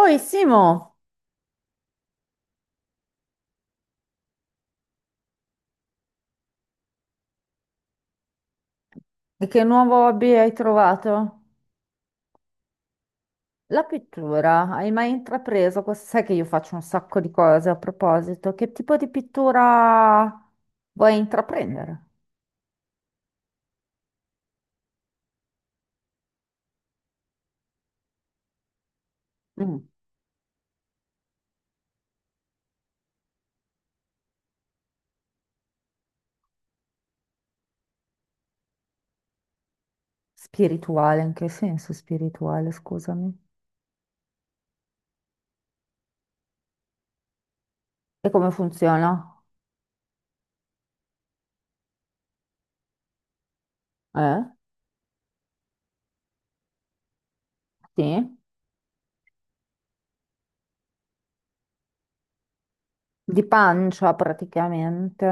Oi Simo, e che nuovo hobby hai trovato? La pittura, hai mai intrapreso questo? Sai che io faccio un sacco di cose a proposito. Che tipo di pittura vuoi intraprendere? Mm. Spirituale, in che senso spirituale, scusami. E come funziona? Eh? Sì? Di pancia praticamente.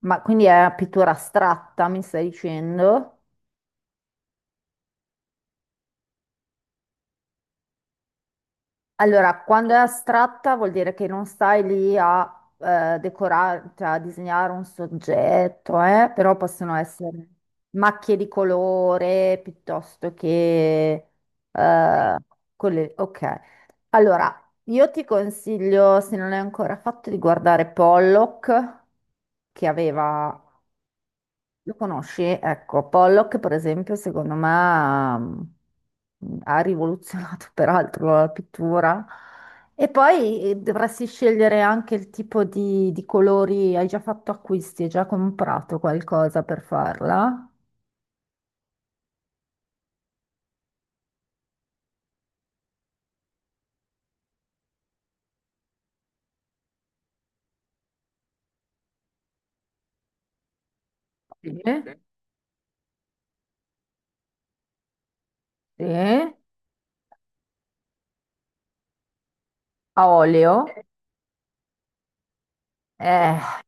Ma quindi è pittura astratta, mi stai dicendo? Allora, quando è astratta vuol dire che non stai lì a decorare, cioè a disegnare un soggetto, però possono essere macchie di colore piuttosto che. eh, Ok, allora, io ti consiglio, se non l'hai ancora fatto, di guardare Pollock, che aveva lo conosci? Ecco, Pollock, per esempio, secondo me ha rivoluzionato peraltro la pittura. E poi dovresti scegliere anche il tipo di colori. Hai già fatto acquisti, hai già comprato qualcosa per farla? Sì. Sì. A olio? Eh,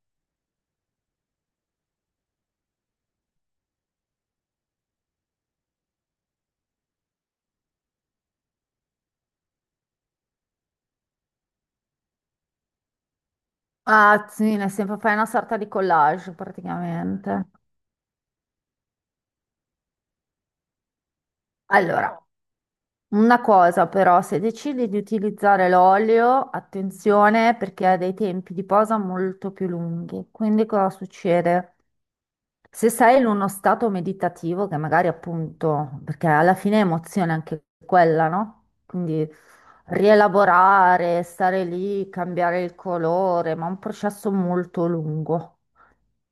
ah, sì, nel senso fai una sorta di collage praticamente. Allora, una cosa però, se decidi di utilizzare l'olio, attenzione perché ha dei tempi di posa molto più lunghi. Quindi cosa succede? Se sei in uno stato meditativo, che magari appunto, perché alla fine è emozione anche quella, no? Quindi rielaborare, stare lì, cambiare il colore, ma è un processo molto lungo.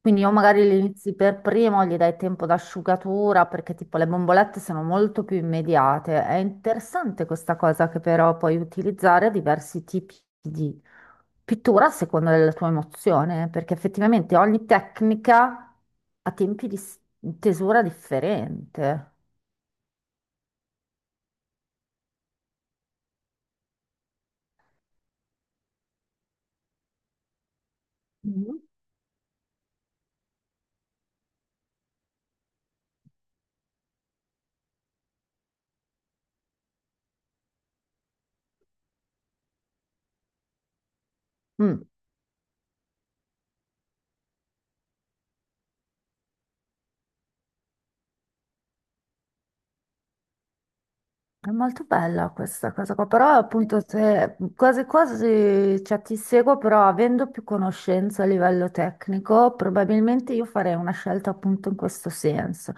Quindi o magari li inizi per primo, gli dai tempo d'asciugatura, perché tipo le bombolette sono molto più immediate. È interessante questa cosa che però puoi utilizzare diversi tipi di pittura a seconda della tua emozione, perché effettivamente ogni tecnica ha tempi di tesura differente. Mhm. Mm. È molto bella questa cosa qua, però appunto se quasi quasi cioè, ti seguo, però avendo più conoscenza a livello tecnico, probabilmente io farei una scelta appunto in questo senso.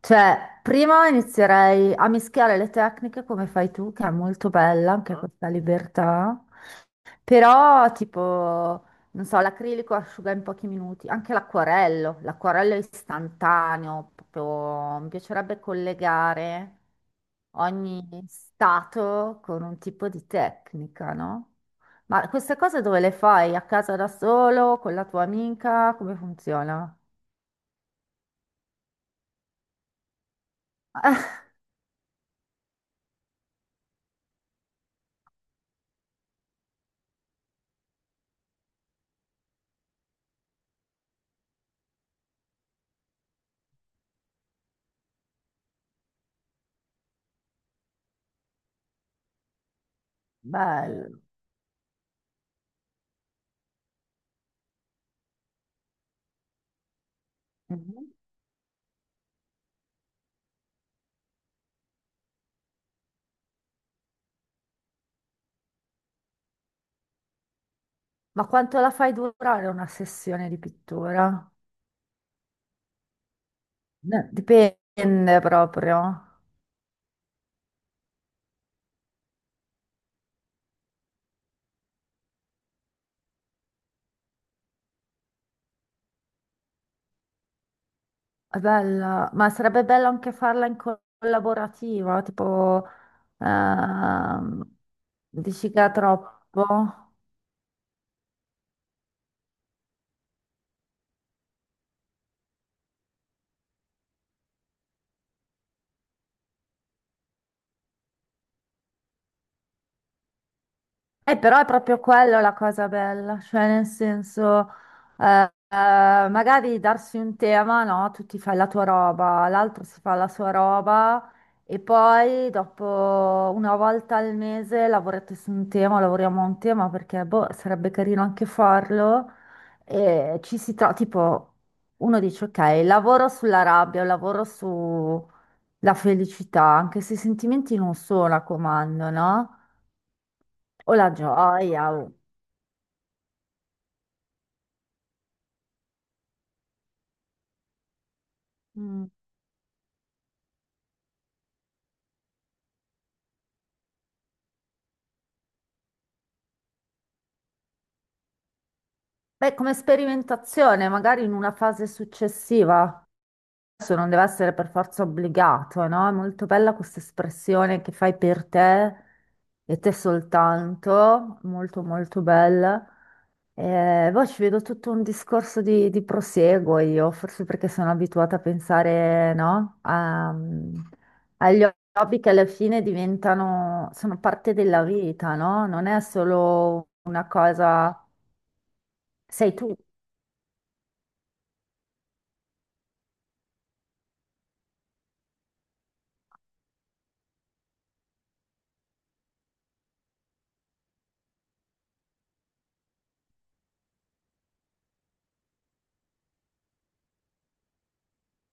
Cioè, prima inizierei a mischiare le tecniche come fai tu, che è molto bella anche questa libertà, però, tipo, non so, l'acrilico asciuga in pochi minuti, anche l'acquarello, l'acquarello è istantaneo, proprio mi piacerebbe collegare ogni stato con un tipo di tecnica, no? Ma queste cose dove le fai? A casa da solo, con la tua amica? Come funziona? Ah, bello. Mhm. Ma quanto la fai durare una sessione di pittura? Dipende proprio. È bella, ma sarebbe bello anche farla in collaborativa, tipo, ehm, dici che è troppo? Però è proprio quello la cosa bella, cioè nel senso, magari darsi un tema, no? Tu ti fai la tua roba, l'altro si fa la sua roba e poi dopo una volta al mese lavorate su un tema, lavoriamo a un tema perché boh, sarebbe carino anche farlo e ci si trova, tipo, uno dice ok, lavoro sulla rabbia, lavoro sulla felicità, anche se i sentimenti non sono a comando, no? O la gioia. Mm. Beh, come sperimentazione, magari in una fase successiva, adesso non deve essere per forza obbligato, no? È molto bella questa espressione che fai per te e te soltanto, molto molto bella. E poi ci vedo tutto un discorso di prosieguo io, forse perché sono abituata a pensare, no? Agli hobby che alla fine diventano, sono parte della vita, no? Non è solo una cosa, sei tu.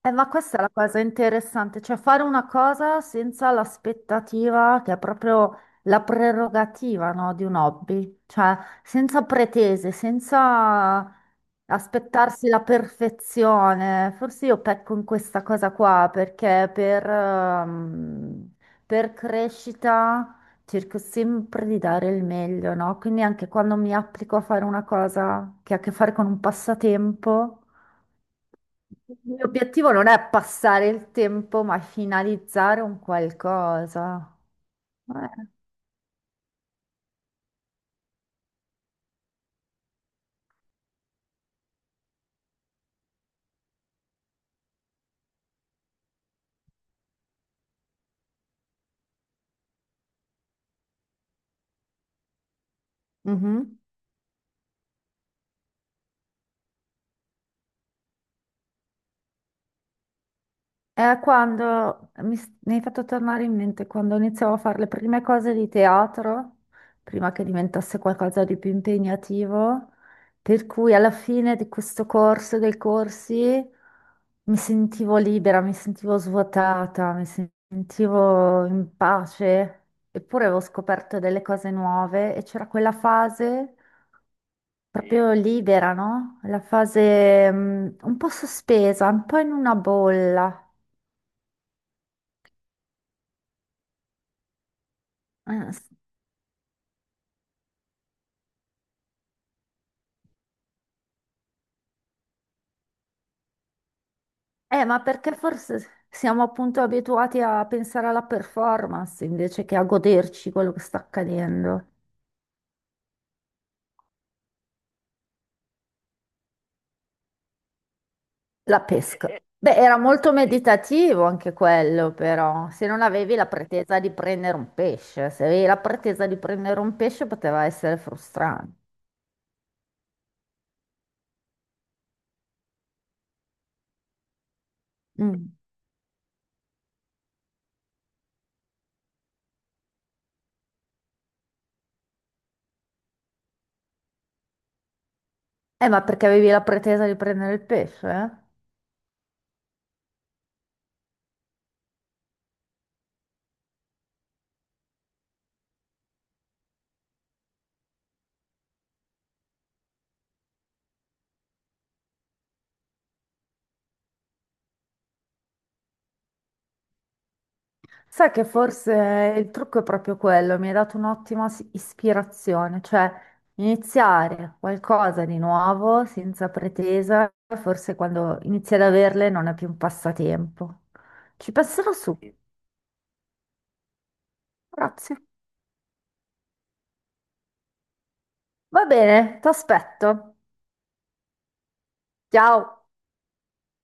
Ma questa è la cosa interessante, cioè fare una cosa senza l'aspettativa, che è proprio la prerogativa, no, di un hobby, cioè senza pretese, senza aspettarsi la perfezione. Forse io pecco in questa cosa qua perché per crescita cerco sempre di dare il meglio, no? Quindi anche quando mi applico a fare una cosa che ha a che fare con un passatempo. Il mio obiettivo non è passare il tempo, ma finalizzare un qualcosa. Eh. Mhm. È quando mi hai fatto tornare in mente quando iniziavo a fare le prime cose di teatro, prima che diventasse qualcosa di più impegnativo, per cui alla fine di questo corso, dei corsi, mi sentivo libera, mi sentivo svuotata, mi sentivo in pace, eppure avevo scoperto delle cose nuove e c'era quella fase proprio libera, no? La fase, un po' sospesa, un po' in una bolla. Eh, ma perché forse siamo appunto abituati a pensare alla performance invece che a goderci quello che sta accadendo? La pesca. Beh, era molto meditativo anche quello, però, se non avevi la pretesa di prendere un pesce, se avevi la pretesa di prendere un pesce poteva essere frustrante. Mm. Ma perché avevi la pretesa di prendere il pesce? Eh? Sai che forse il trucco è proprio quello, mi hai dato un'ottima ispirazione, cioè iniziare qualcosa di nuovo senza pretesa, forse quando inizi ad averle non è più un passatempo. Ci passerò su. Grazie. Va bene, ti aspetto. Ciao.